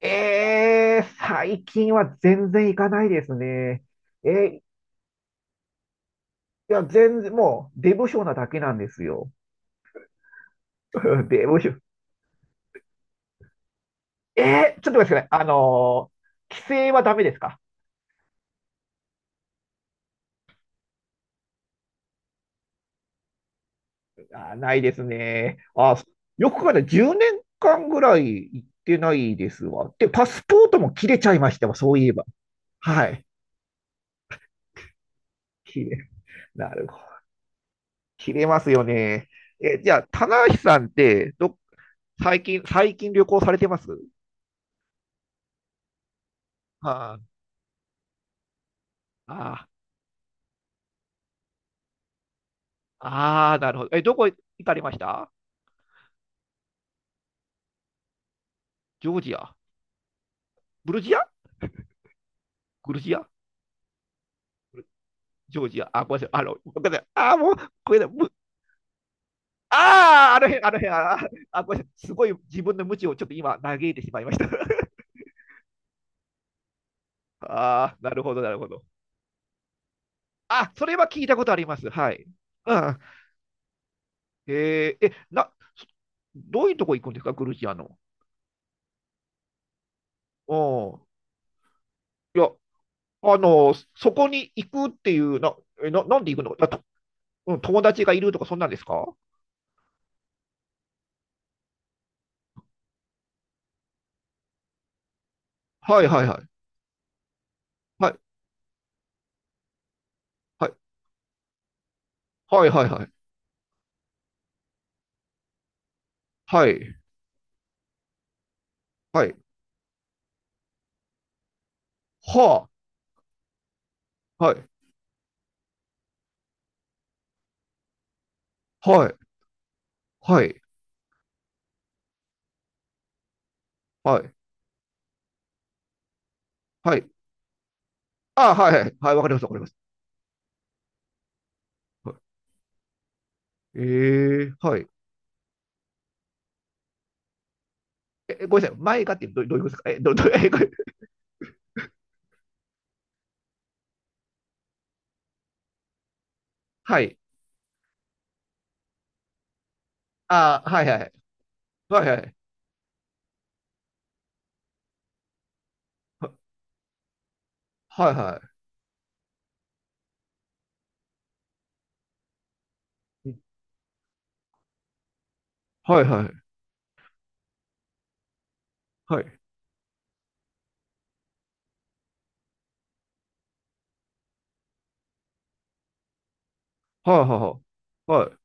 ええ、最近は全然行かないですね。えーいや、全然、もう、出不精なだけなんですよ。出不精。ちょっと待ってくださいね帰省はダメですか？あー、ないですね。あー、よく考えたら10年間ぐらい行ってないですわ。で、パスポートも切れちゃいましたわ、そういえば。はい。切れ、なるほど。切れますよね。え、じゃあ、棚橋さんって、最近旅行されてますはあ、ああ。ああ、なるほど。え、どこ行かれました？ジョージア？ブルジア？グルジア？ジョージア？あ、ごめんなさい。あの、ごめんなさい。ああ、もう、これだ。むああ、あの辺、あーあ、ごめんなさい。すごい自分の無知をちょっと今、嘆いてしまいました。ああ、なるほど、なるほど。あ、それは聞いたことあります。はい。うん。えーえ、な、そどういうとこ行くんですか、グルジアの？うん。いや、あの、そこに行くっていう、な、え、な、なんで行くのだと、うん、友達がいるとか、そんなんですか？はい、はい、はい。はい。はいはいはいはい。はい。はい。はあ。はい。はい。はい。はい。はい。ああ、はいはい。はい。わかります。わかります。はい、ええ、はい。え、ごめんなさい。前がってどういうことですか？え、え、これ。はい。ああ、はいはい。はいはい。はいはい。はいはい。はい。はいはいはい。はい。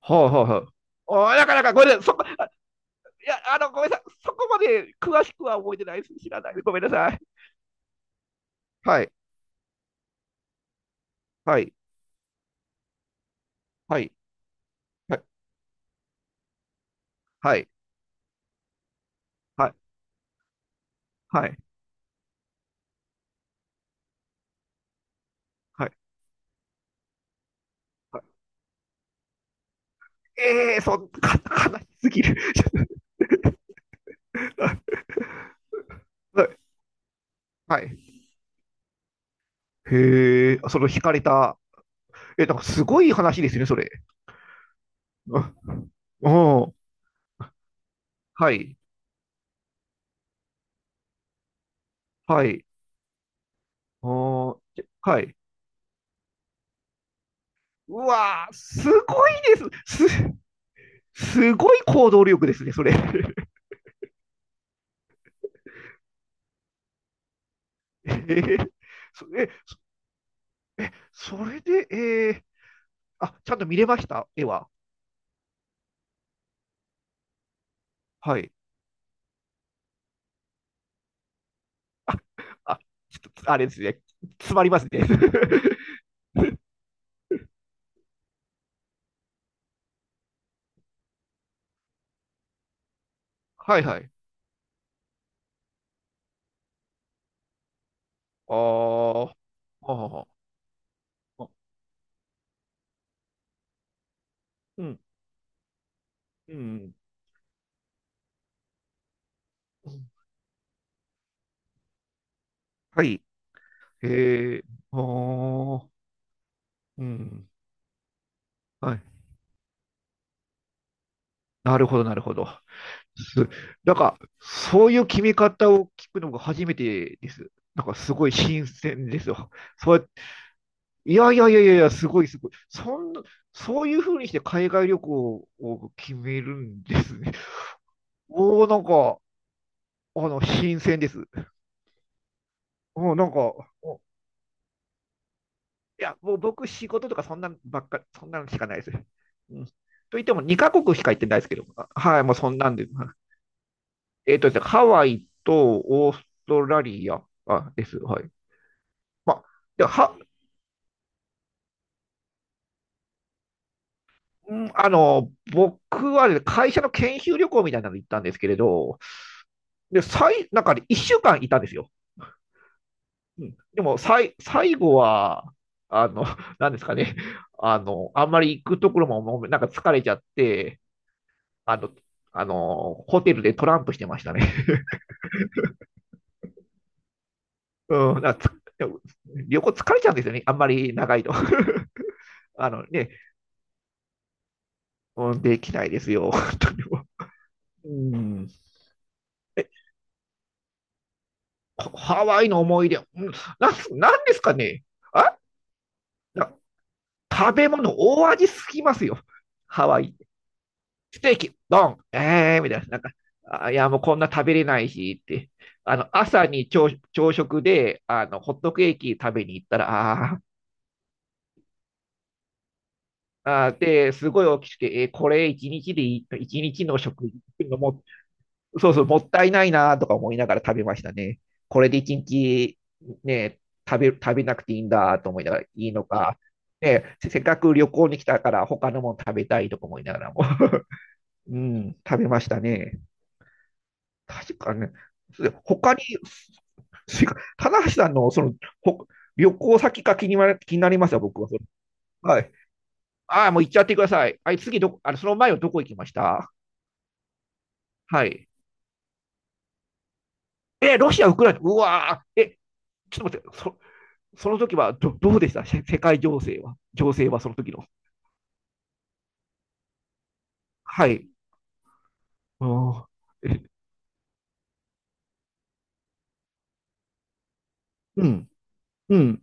はいはいはい。ああ、なかなか、ごめんなさい。いや、あの、ごめんなさい。そこまで詳しくは覚えてないです。知らない。ごめんなさい。はい。はい。はい。はい。はい。はい。はい。はい。ええー、そん、か、悲しすぎる。はい。へえ、その惹かれた。え、なんかすごい話ですね、それ。あ、おー、はい、はい、おー、はい。うわー、すごいです。すごい行動力ですね、それ。えー、そ、え、それで、あ、ちゃんと見れました、絵は？はい。あ、ちょっと、あれですね。詰まりますね。はいはい。あー、あー、あー、うん、うん、うん、はい。えー、おー、うん。はい。なるほど、なるほど。す、なんか、そういう決め方を聞くのが初めてです。なんか、すごい新鮮ですよ。そうやって、いやいやいやいやいや、すごい、すごい。そんな、そういうふうにして海外旅行を決めるんですね。おー、なんか、あの、新鮮です。うん、なんか、いや、もう僕、仕事とかそんなばっかり、そんなのしかないです。うん。と言っても、2カ国しか行ってないですけど、あ、はい、もうそんなんで。はい。ですね、ハワイとオーストラリア、あ、です。はい。まあ、では、うん、あの、僕はね会社の研修旅行みたいなの行ったんですけれど、で、なんかね、1週間いたんですよ。うん。でも、最後は、あの、なんですかね、あの、あんまり行くところも、もうなんか疲れちゃって、あの、ホテルでトランプしてましたね。うん、つ旅行疲れちゃうんですよね。あんまり長いと。あのね、うん、できないですよ。本当にもう、うん。ハワイの思い出、うん、なんなんですかね。あな食べ物、大味すぎますよ。ハワイ。ステーキ、ドン、みたいな。なんか、あ、いや、もうこんな食べれないしって。あの、朝に朝、朝食で、あの、ホットケーキ食べに行ったら、ああ、あー、で、すごい大きくて、これ一日でいい、一日の食費っていうのも、そうそう、もったいないなとか思いながら食べましたね。これで一日、ね、食べなくていいんだと思いながら、いいのか、ね、せっかく旅行に来たから他のもの食べたいとか思いながらも、うん、食べましたね。確かね、他に、棚橋さんのその、ほ旅行先が気になりますよ、僕は。それ、はい。ああ、もう行っちゃってください。はい、あの、その前はどこ行きました？はい。え、ロシア、ウクライナ、うわー、え、ちょっと待って、その時はどうでした？世界情勢は。情勢はその時の。はい。あー、え、うん、うん。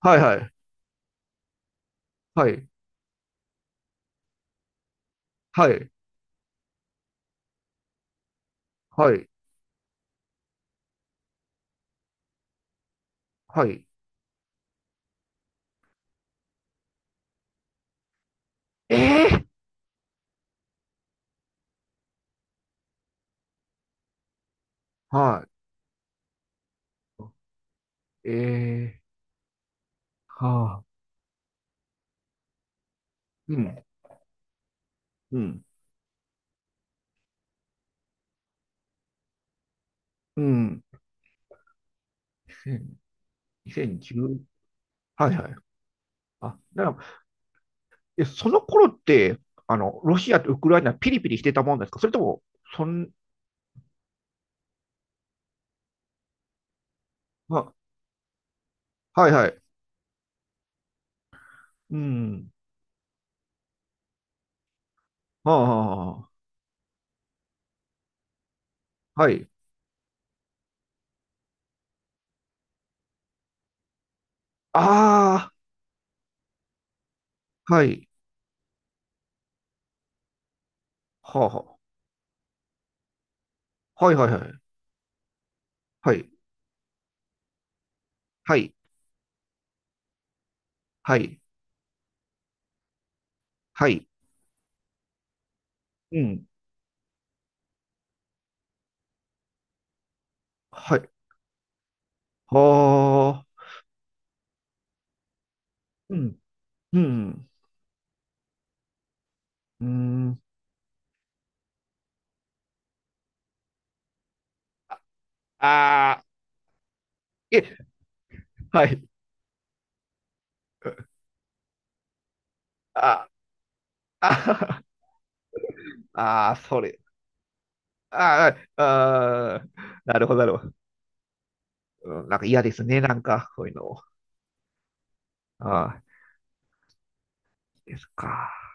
はいはい。はい。はい。はい。はい。えー、はい。えー、はあ。うん、うん、うん。2010、はいはい。あ、なら、その頃って、あの、ロシアとウクライナピリピリしてたもんですか？それとも、そん、あ、はいはい。うん。はあ、はあ、はい。ああ、はい。はあ、はあ、はいはいはい。はい。はい。はい。はい。うん。はい。はあ。うん。うん。うん。ああ、え、はい。あ、あ、あ、それ。ああ、ああ、なるほど、なるほど。うん、なんか嫌ですね、なんか、こういうの。ああ。ですか。